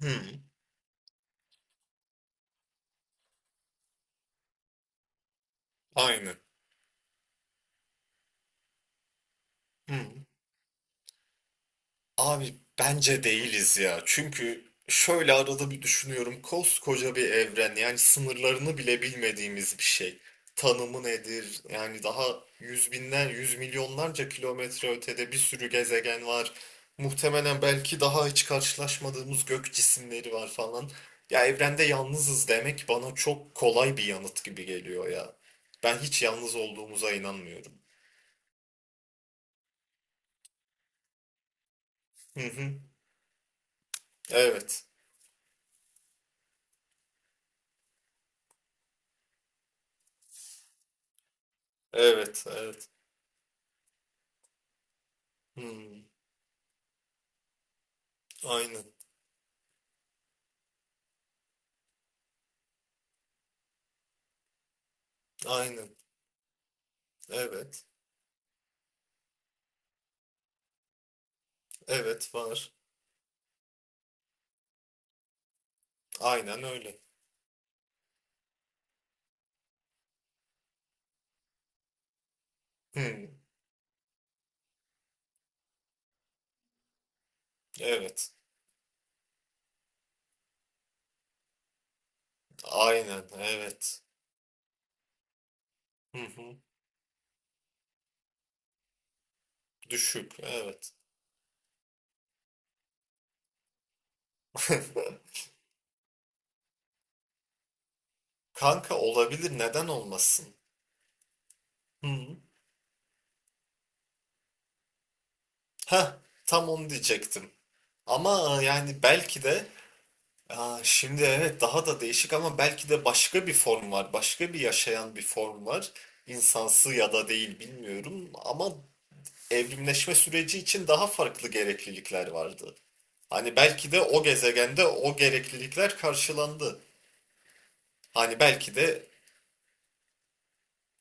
Hmm, aynı. Hmm. Abi bence değiliz ya. Çünkü şöyle arada bir düşünüyorum. Koskoca bir evren, yani sınırlarını bile bilmediğimiz bir şey. Tanımı nedir? Yani daha yüz binden yüz milyonlarca kilometre ötede bir sürü gezegen var. Muhtemelen belki daha hiç karşılaşmadığımız gök cisimleri var falan. Ya evrende yalnızız demek bana çok kolay bir yanıt gibi geliyor ya. Ben hiç yalnız olduğumuza inanmıyorum. Hı hı. Evet. Evet. Hmm, aynen, aynen. Evet, evet var. Aynen öyle. Hmm, evet, aynen, evet. Hı hı, düşük, evet. Kanka olabilir, neden olmasın? Hı hı. Heh, tam onu diyecektim. Ama yani belki de, aa, şimdi evet daha da değişik, ama belki de başka bir form var, başka bir yaşayan bir form var. İnsansı ya da değil bilmiyorum ama evrimleşme süreci için daha farklı gereklilikler vardı. Hani belki de o gezegende o gereklilikler karşılandı. Hani belki de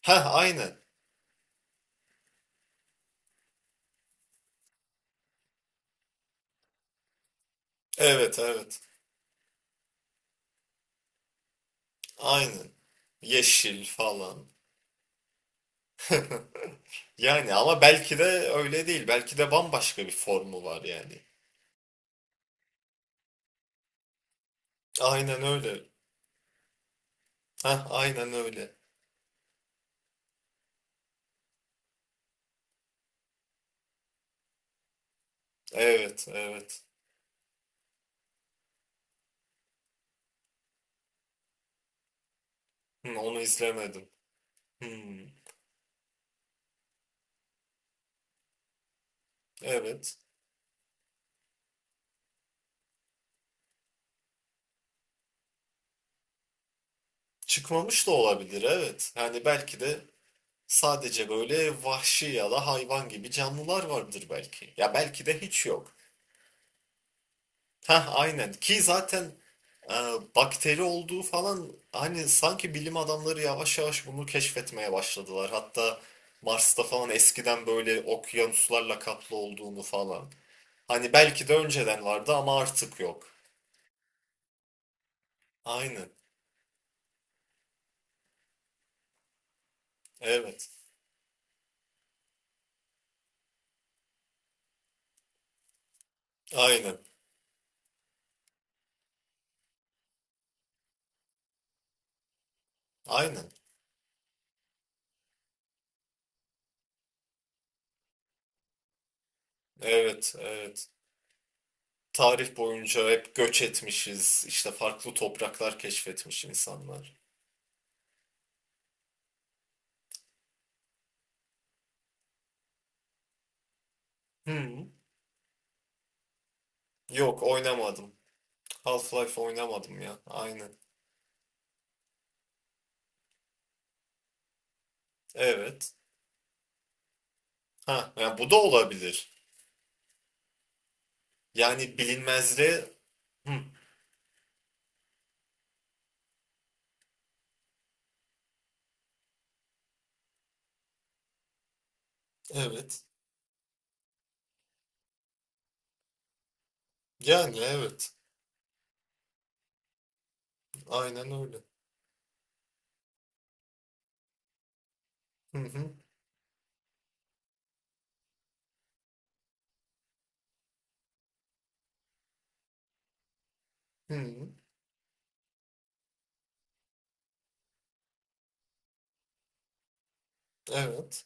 ha aynı. Evet evet. Aynen. Yeşil falan. Yani ama belki de öyle değil. Belki de bambaşka bir formu var yani. Aynen öyle. Ha aynen öyle. Evet, evet. Hı, onu izlemedim. Hmm, evet. Çıkmamış da olabilir, evet. Yani belki de sadece böyle vahşi ya da hayvan gibi canlılar vardır belki. Ya belki de hiç yok. Ha aynen ki zaten e, bakteri olduğu falan, hani sanki bilim adamları yavaş yavaş bunu keşfetmeye başladılar. Hatta Mars'ta falan eskiden böyle okyanuslarla kaplı olduğunu falan. Hani belki de önceden vardı ama artık yok. Aynen. Evet. Aynen. Aynen. Evet. Evet, tarih boyunca hep göç etmişiz. İşte farklı topraklar keşfetmiş insanlar. Hı. Yok oynamadım. Half-Life oynamadım ya. Aynen. Evet. Ha, ya bu da olabilir. Yani bilinmezliğe... Hı. Evet. Yani evet. Aynen öyle. Hı hı. Hı. Evet.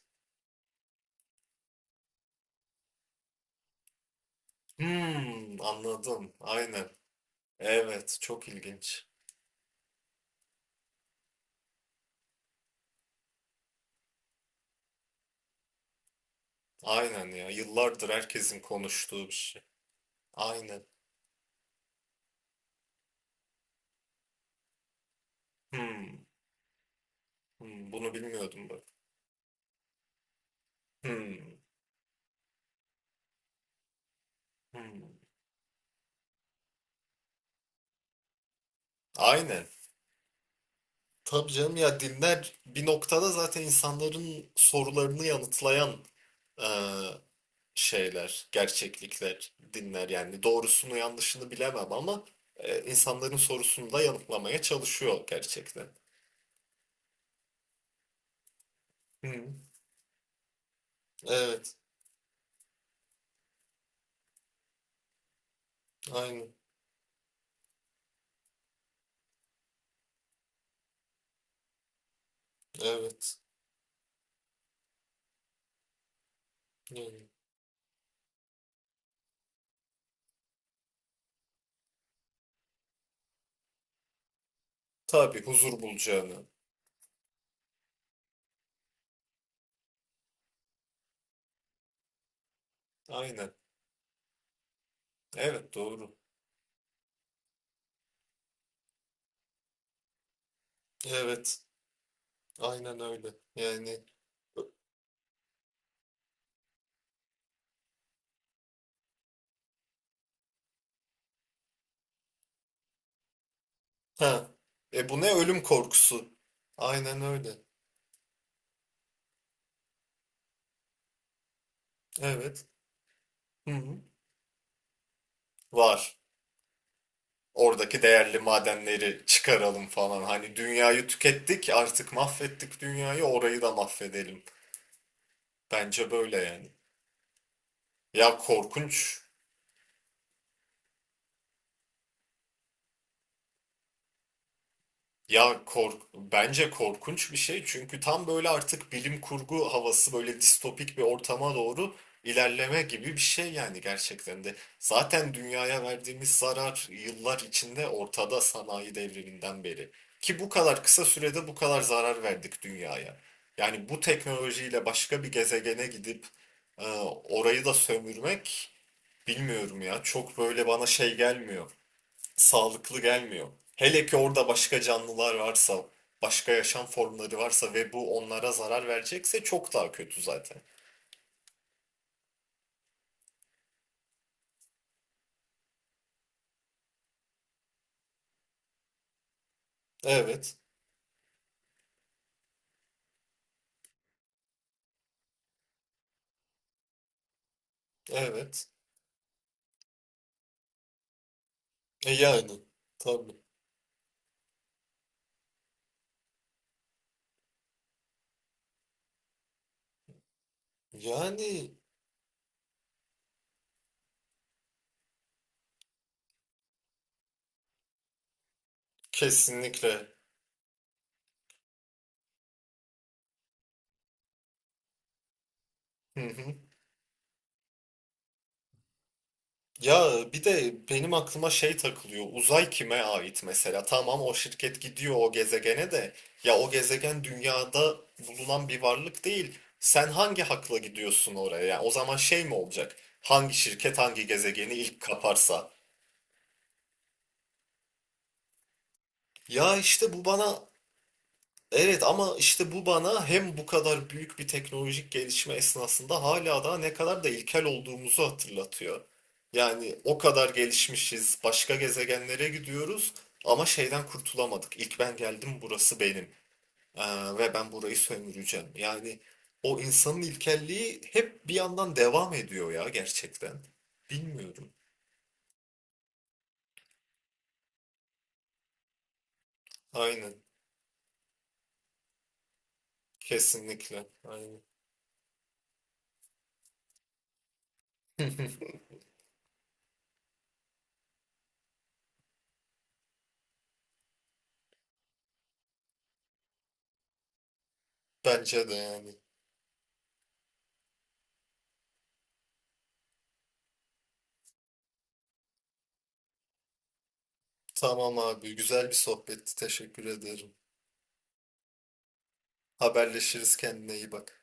Hmm, anladım. Aynen. Evet, çok ilginç. Aynen ya. Yıllardır herkesin konuştuğu bir şey. Aynen. Hmm, hmm, bunu bilmiyordum bak. Hmm. Hmm, aynen. Tabii canım, ya dinler bir noktada zaten insanların sorularını yanıtlayan e, şeyler, gerçeklikler dinler. Yani doğrusunu yanlışını bilemem ama insanların sorusunu da yanıtlamaya çalışıyor gerçekten. Hı. Evet, aynen. Evet. Yani, tabii huzur bulacağını. Aynen. Evet, doğru. Evet, aynen öyle. Yani ha, e bu ne ölüm korkusu? Aynen öyle. Evet. Hı hı. Var. Oradaki değerli madenleri çıkaralım falan. Hani dünyayı tükettik, artık mahvettik dünyayı, orayı da mahvedelim. Bence böyle yani. Ya korkunç, ya kork bence korkunç bir şey, çünkü tam böyle artık bilim kurgu havası, böyle distopik bir ortama doğru ilerleme gibi bir şey yani gerçekten de. Zaten dünyaya verdiğimiz zarar yıllar içinde ortada, sanayi devriminden beri. Ki bu kadar kısa sürede bu kadar zarar verdik dünyaya. Yani bu teknolojiyle başka bir gezegene gidip e, orayı da sömürmek, bilmiyorum ya, çok böyle bana şey gelmiyor, sağlıklı gelmiyor. Hele ki orada başka canlılar varsa, başka yaşam formları varsa ve bu onlara zarar verecekse çok daha kötü zaten. Evet, evet. E yani, tabii. Yani kesinlikle. Hı hı. Ya bir de benim aklıma şey takılıyor. Uzay kime ait mesela? Tamam, o şirket gidiyor o gezegene de. Ya o gezegen dünyada bulunan bir varlık değil. Sen hangi hakla gidiyorsun oraya? Yani o zaman şey mi olacak? Hangi şirket hangi gezegeni ilk kaparsa? Ya işte bu bana evet, ama işte bu bana hem bu kadar büyük bir teknolojik gelişme esnasında hala daha ne kadar da ilkel olduğumuzu hatırlatıyor. Yani o kadar gelişmişiz, başka gezegenlere gidiyoruz ama şeyden kurtulamadık. İlk ben geldim, burası benim. Ve ben burayı sömüreceğim. Yani o insanın ilkelliği hep bir yandan devam ediyor ya gerçekten. Bilmiyorum. Aynen, kesinlikle. Aynen. Bence de yani. Tamam abi, güzel bir sohbetti. Teşekkür ederim. Haberleşiriz, kendine iyi bak.